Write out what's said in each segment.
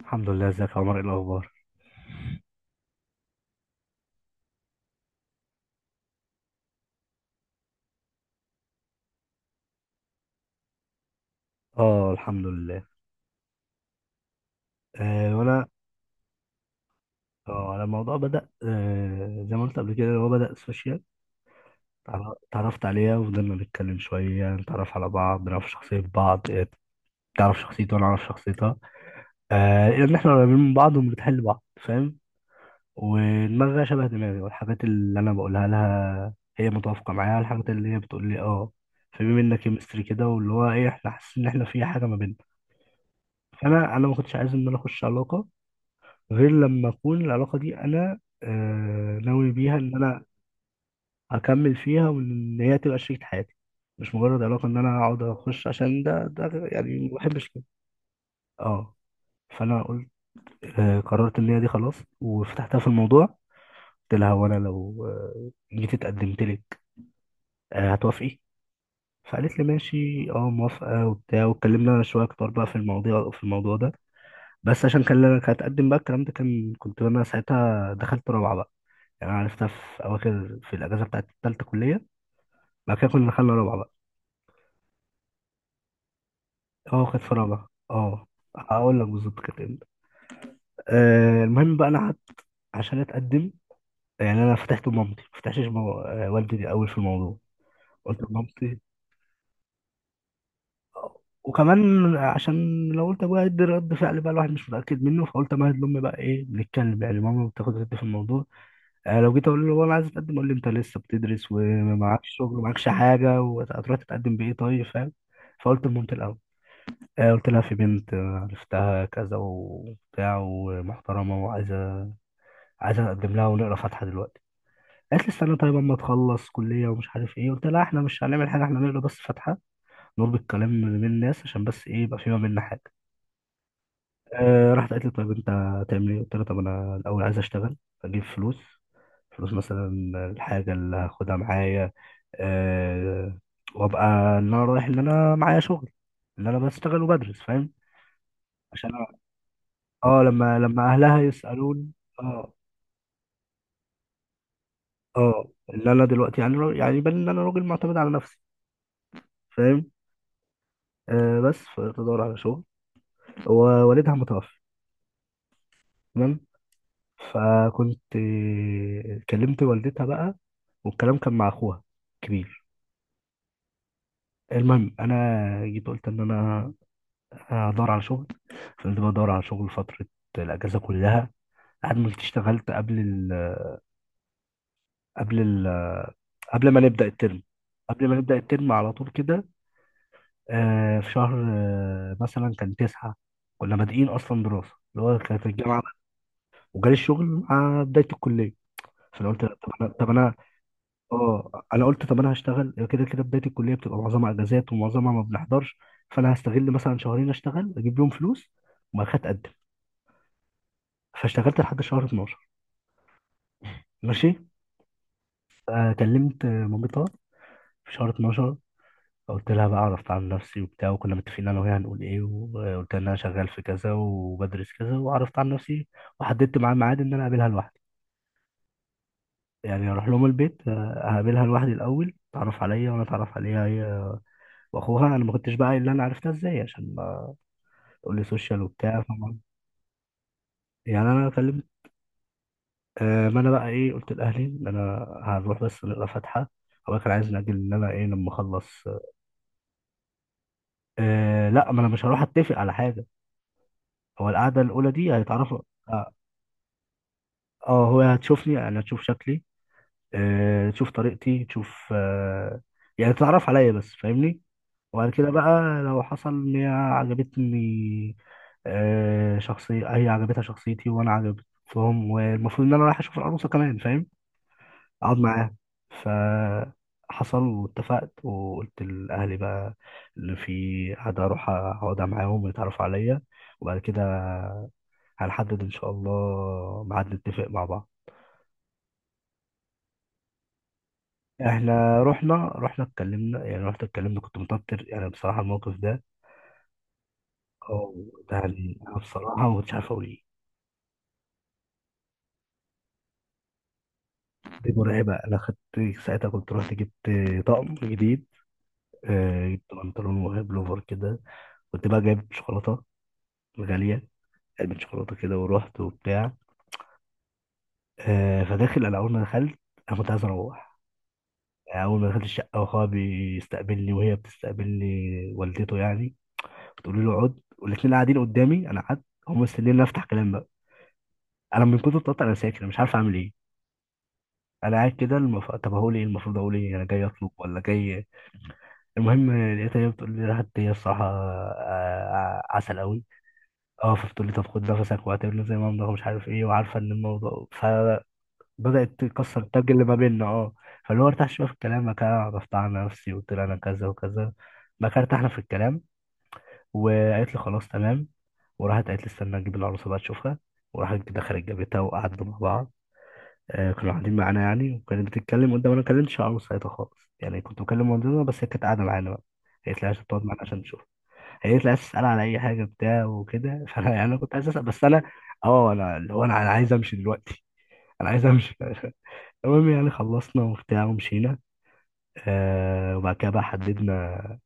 الحمد لله. ازيك يا عمر؟ ايه الاخبار؟ اه الحمد لله. آه وانا اه على الموضوع، بدأ زي ما قلت قبل كده، هو بدأ سوشيال. اتعرفت عليها وفضلنا نتكلم شويه، نتعرف على بعض، نعرف شخصيه بعض. تعرف شخصيتي وانا اعرف شخصيتها. ان احنا قريبين من بعض وبنتحل لبعض، فاهم، ودماغها شبه دماغي، والحاجات اللي انا بقولها لها هي متوافقه معايا، الحاجات اللي هي بتقول لي، فبما بينا كيمستري كده، واللي هو ايه، احنا حاسين ان احنا في حاجه ما بيننا. فانا ما كنتش عايز ان انا اخش علاقه غير لما اكون العلاقه دي انا ناوي بيها ان انا اكمل فيها، وان هي تبقى شريكة حياتي، مش مجرد علاقه ان انا اقعد اخش، عشان ده يعني ما بحبش كده. اه فانا قلت، قررت ان هي دي خلاص، وفتحتها في الموضوع. قلت لها: وانا لو جيت اتقدمت لك، هتوافقي؟ فقالت لي ماشي، اه موافقه وبتاع. واتكلمنا شويه اكتر بقى في المواضيع، في الموضوع ده. بس عشان كان لك هتقدم بقى، الكلام ده كان، كنت انا ساعتها دخلت رابعه بقى. يعني أنا عرفتها في أواخر، في الأجازة بتاعت التالتة كلية، بعد كده كنا دخلنا رابعة بقى. أه كانت في رابعة أه. هقول لك بالظبط كانت إمتى. المهم بقى، أنا قعدت عشان أتقدم. يعني أنا فتحت لمامتي، ما فتحتش مو... آه، والدي أوي في الموضوع. قلت لمامتي آه، وكمان عشان لو قلت أبويا هيدي رد فعل بقى الواحد مش متأكد منه، فقلت أمهد لأمي بقى إيه بنتكلم، يعني ماما بتاخد رد في الموضوع. لو جيت أقول له أنا عايز أتقدم، أقول لي أنت لسه بتدرس ومعكش شغل ومعكش حاجة، وهتروح تتقدم بإيه؟ طيب، فاهم. فقلت لمامتي الأول. قلت لها في بنت، عرفتها كذا وبتاع، ومحترمة، وعايزة أقدم لها، ونقرا فاتحة دلوقتي. قالت لي استنى طيب أما تخلص كلية ومش عارف إيه. قلت لها إحنا مش هنعمل حاجة، إحنا نقرا بس فاتحة، نربط كلام من الناس عشان بس إيه يبقى في ما بيننا حاجة. راحت قالت لي طيب أنت هتعمل إيه؟ قلت لها طب أنا الأول عايز أشتغل، أجيب فلوس، فلوس مثلا الحاجة اللي هاخدها معايا، آه وأبقى إن أنا رايح إن أنا معايا شغل، إن أنا بشتغل وبدرس، فاهم، عشان لما اهلها يسالون، اه اه ان انا دلوقتي يعني يعني يبان ان انا راجل معتمد على نفسي، فاهم. آه بس فتدور على شغل، ووالدها متوفي، تمام. فكنت كلمت والدتها بقى، والكلام كان مع اخوها كبير المهم انا جيت قلت ان انا هدور على شغل، فضلت بدور على شغل فتره، الاجازه كلها. عملت اشتغلت قبل ال قبل ما نبدا الترم، قبل ما نبدا الترم على طول كده. في شهر مثلا كان تسعة، كنا بادئين أصلا دراسة اللي هو كانت الجامعة، وجالي الشغل مع بداية الكلية. فأنا قلت طب أنا طب أنا أه أنا قلت طب أنا هشتغل، كده كده بداية الكلية بتبقى معظمها أجازات ومعظمها ما بنحضرش. فأنا هستغل مثلا شهرين، أشتغل أجيب لهم فلوس، وبعد كده أتقدم. فاشتغلت لحد شهر 12، ماشي. كلمت مامتها في شهر 12، فقلت لها بقى، عرفت عن نفسي وبتاع، وكنا متفقين انا وهي هنقول ايه، وقلت لها ان انا شغال في كذا وبدرس كذا، وعرفت عن نفسي، وحددت معاها ميعاد ان انا اقابلها لوحدي. يعني اروح لهم البيت. اقابلها لوحدي الاول، تعرف عليا وانا اتعرف عليها هي واخوها. انا ما كنتش بقى قايل اللي انا عرفتها ازاي، عشان ما تقول لي سوشيال وبتاع، يعني انا كلمت، ما انا بقى ايه، قلت لاهلي ان انا هنروح بس نقرا فاتحه. هو كان عايز نأجل ان انا ايه لما اخلص. لا، ما انا مش هروح اتفق على حاجه، هو القعده الاولى دي هيتعرفوا. آه، اه هو هتشوفني، يعني هتشوف شكلي. تشوف طريقتي، تشوف يعني تتعرف عليا بس، فاهمني. وبعد كده بقى لو حصل ان هي عجبتني، شخصية، هي عجبتها شخصيتي وانا عجبتهم، والمفروض ان انا رايح اشوف العروسة كمان، فاهم، اقعد معاها. فحصل واتفقت، وقلت لاهلي بقى اللي في حد اروح اقعد معاهم ويتعرفوا عليا، وبعد كده هنحدد ان شاء الله ميعاد، نتفق مع بعض. احنا رحنا اتكلمنا، يعني رحت اتكلمنا، كنت متوتر يعني بصراحه الموقف ده. اه، ده يعني انا بصراحه ما كنتش عارف اقول ايه. دي مرعبه. انا خدت ساعتها، كنت رحت جبت طقم جديد. جبت بنطلون وبلوفر كده، كنت بقى جايب شوكولاته غاليه، علبه شوكولاته كده، ورحت وبتاع. فداخل، انا اول ما دخلت، انا كنت عايز اروح. يعني اول ما دخلت الشقه، واخويا بيستقبلني وهي بتستقبلني، والدته يعني بتقول له اقعد، والاثنين قاعدين قدامي، انا قعدت. هم مستنيين إن أنا افتح كلام بقى. انا من كتر التوتر انا ساكت، انا مش عارف اعمل ايه. انا قاعد كده، طب هقول ايه، المفروض اقول ايه، انا جاي اطلب ولا جاي. المهم لقيتها هي بتقول لي، راحت هي الصراحه عسل قوي. اه فبتقول لي طب خد نفسك واعتبر زي ما امضى ومش عارف ايه، وعارفه ان الموضوع، فبدات تكسر التاج اللي ما بيننا. اه فاللي هو ارتاح شويه في الكلام، بعد كده عرفت على نفسي وقلت لها انا كذا وكذا، بقى كده ارتحنا في الكلام. وقالت لي خلاص تمام، وراحت قالت لي استنى اجيب العروسه بقى تشوفها، وراحت دخلت جابتها وقعدنا مع بعض. كانوا قاعدين معانا يعني، وكانت بتتكلم قدام، انا ما كلمتش عروس ساعتها خالص، يعني كنت بكلم مامتنا بس، هي كانت قاعده معانا بقى. هي قالت لي عشان تقعد معانا عشان نشوف. قالت لي عايز تسال على اي حاجه بتاع وكده. فانا يعني انا كنت عايز اسال بس انا اه انا اللي هو انا عايز امشي دلوقتي. انا عايز امشي. المهم يعني خلصنا وبتاع ومشينا. وبعد كده بقى حددنا.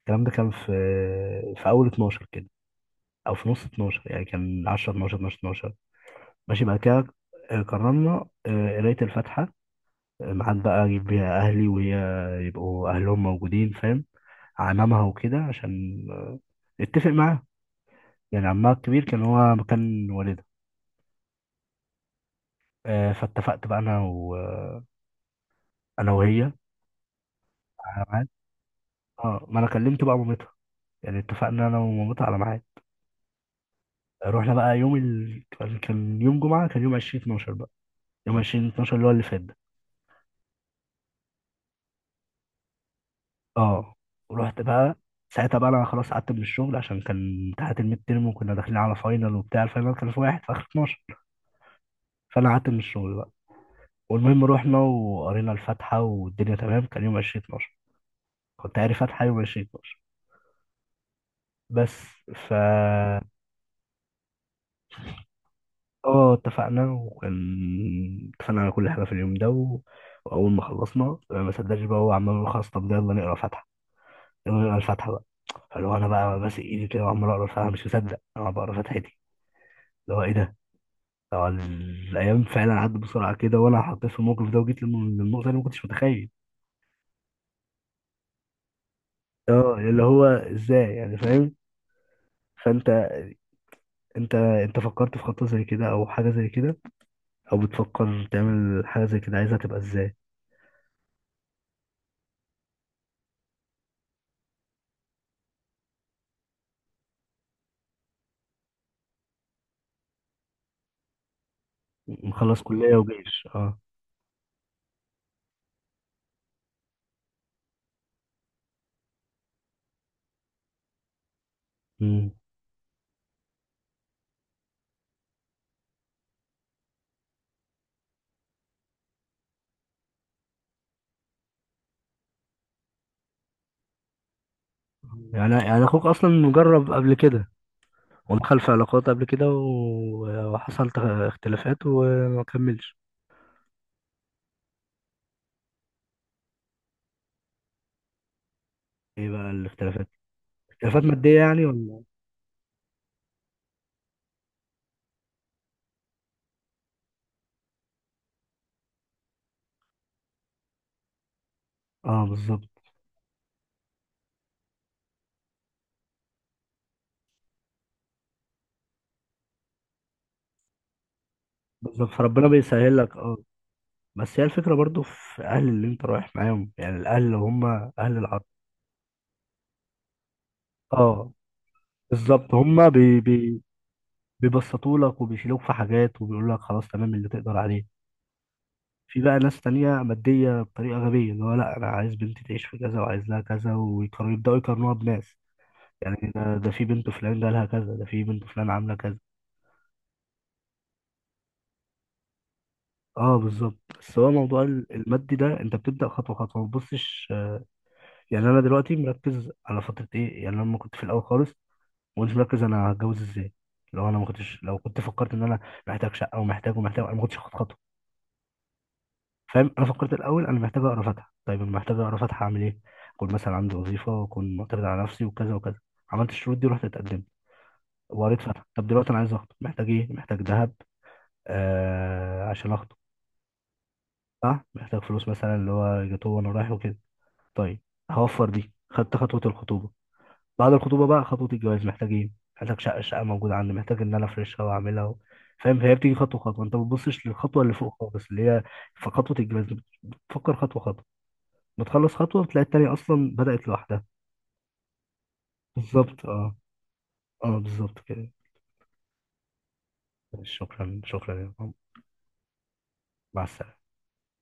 الكلام ده كان في، في اول 12 كده، او في نص 12، يعني كان 10 12 12 12، ماشي. بعد كده قررنا قرايه الفاتحه، ميعاد بقى اجيب بيها اهلي وهي يبقوا اهلهم موجودين، فاهم، عمامها وكده، عشان اتفق معاه، يعني عمها الكبير كان هو مكان والدها. فاتفقت بقى انا و... آه، انا وهي على ميعاد. اه، ما انا كلمت بقى مامتها، يعني اتفقنا انا ومامتها على ميعاد. رحنا بقى كان، كان يوم جمعة، كان يوم 20 12 بقى. يوم 20 12 اللي هو اللي فات ده. اه رحت بقى، ساعتها بقى انا خلاص قعدت من الشغل، عشان كان امتحانات الميد تيرم، وكنا داخلين على فاينل وبتاع، الفاينل كان في واحد في اخر 12، فانا قعدت من الشغل بقى. والمهم رحنا وقرينا الفاتحه والدنيا تمام، كان يوم 20 12، كنت قاري فاتحه يوم 20 12. بس ف، اه اتفقنا، اتفقنا على كل حاجه في اليوم ده و... واول ما خلصنا ما صدقش بقى، هو عمال يقول خلاص طب يلا نقرا فاتحه، يلا نقرا الفاتحه بقى. فاللي هو انا بقى ماسك ايدي كده وعمال اقرا الفاتحه، مش مصدق انا بقرا فاتحتي، اللي هو ايه ده؟ هو الايام فعلا عدت بسرعه كده، وانا حطيت في الموقف ده، وجيت للنقطه اللي ما كنتش متخيل. اه اللي هو ازاي يعني، فاهم. فانت انت انت فكرت في خطة زي كده او حاجة زي كده، او بتفكر تعمل حاجة زي كده، عايزها تبقى ازاي؟ مخلص كلية وجيش، اه. امم، يعني اخوك اصلا مجرب قبل كده، ودخل في علاقات قبل كده وحصل اختلافات وما كملش. ايه بقى الاختلافات، اختلافات مادية يعني ولا؟ اه بالظبط. بالظبط فربنا بيسهل لك، اه. بس هي الفكرة برضو في اهل اللي انت رايح معاهم، يعني الاهل اللي هم اهل العط اه بالظبط. هم بيبسطوا لك وبيشيلوك في حاجات، وبيقول لك خلاص تمام اللي تقدر عليه. في بقى ناس تانية مادية بطريقة غبية، اللي هو لا أنا عايز بنتي تعيش في كذا، وعايز لها كذا، ويقارنوا، يبدأوا يقارنوها بناس. يعني ده في بنت فلان جالها كذا، ده في بنت فلان عاملة كذا. اه بالظبط. بس هو موضوع المادي ده انت بتبدأ خطوة خطوة، ما تبصش. يعني انا دلوقتي مركز على فترة ايه، يعني أنا لما كنت في الاول خالص، ما كنتش مركز انا هتجوز ازاي. لو انا ما كنتش لو كنت فكرت ان انا محتاج شقة ومحتاج ومحتاج، انا ما كنتش هاخد خطوة، فاهم. انا فكرت الاول انا محتاج اقرا فاتحه، طيب انا محتاج اقرا فاتحه اعمل ايه، اكون مثلا عندي وظيفه، واكون معتمد على نفسي، وكذا وكذا. عملت الشروط دي ورحت اتقدمت وقريت فاتحه. طب دلوقتي انا عايز اخطب، محتاج ايه، محتاج ذهب عشان اخطب، صح، محتاج فلوس مثلا، اللي هو جاتوه وانا رايح وكده، طيب هوفر دي. خدت خطوه الخطوبه، بعد الخطوبه بقى خطوه الجواز، محتاج ايه، محتاج شقه، الشقه موجوده عندي، محتاج ان انا افرشها واعملها فاهم. فهي بتيجي خطوه خطوه، انت ما بتبصش للخطوه اللي فوق خالص، اللي هي في خطوه الجواز، بتفكر خطوه خطوه، بتخلص خطوة بتلاقي التانية أصلا بدأت لوحدها. بالظبط، اه. اه بالظبط كده. شكرا، شكرا يا محمد. مع السلامة.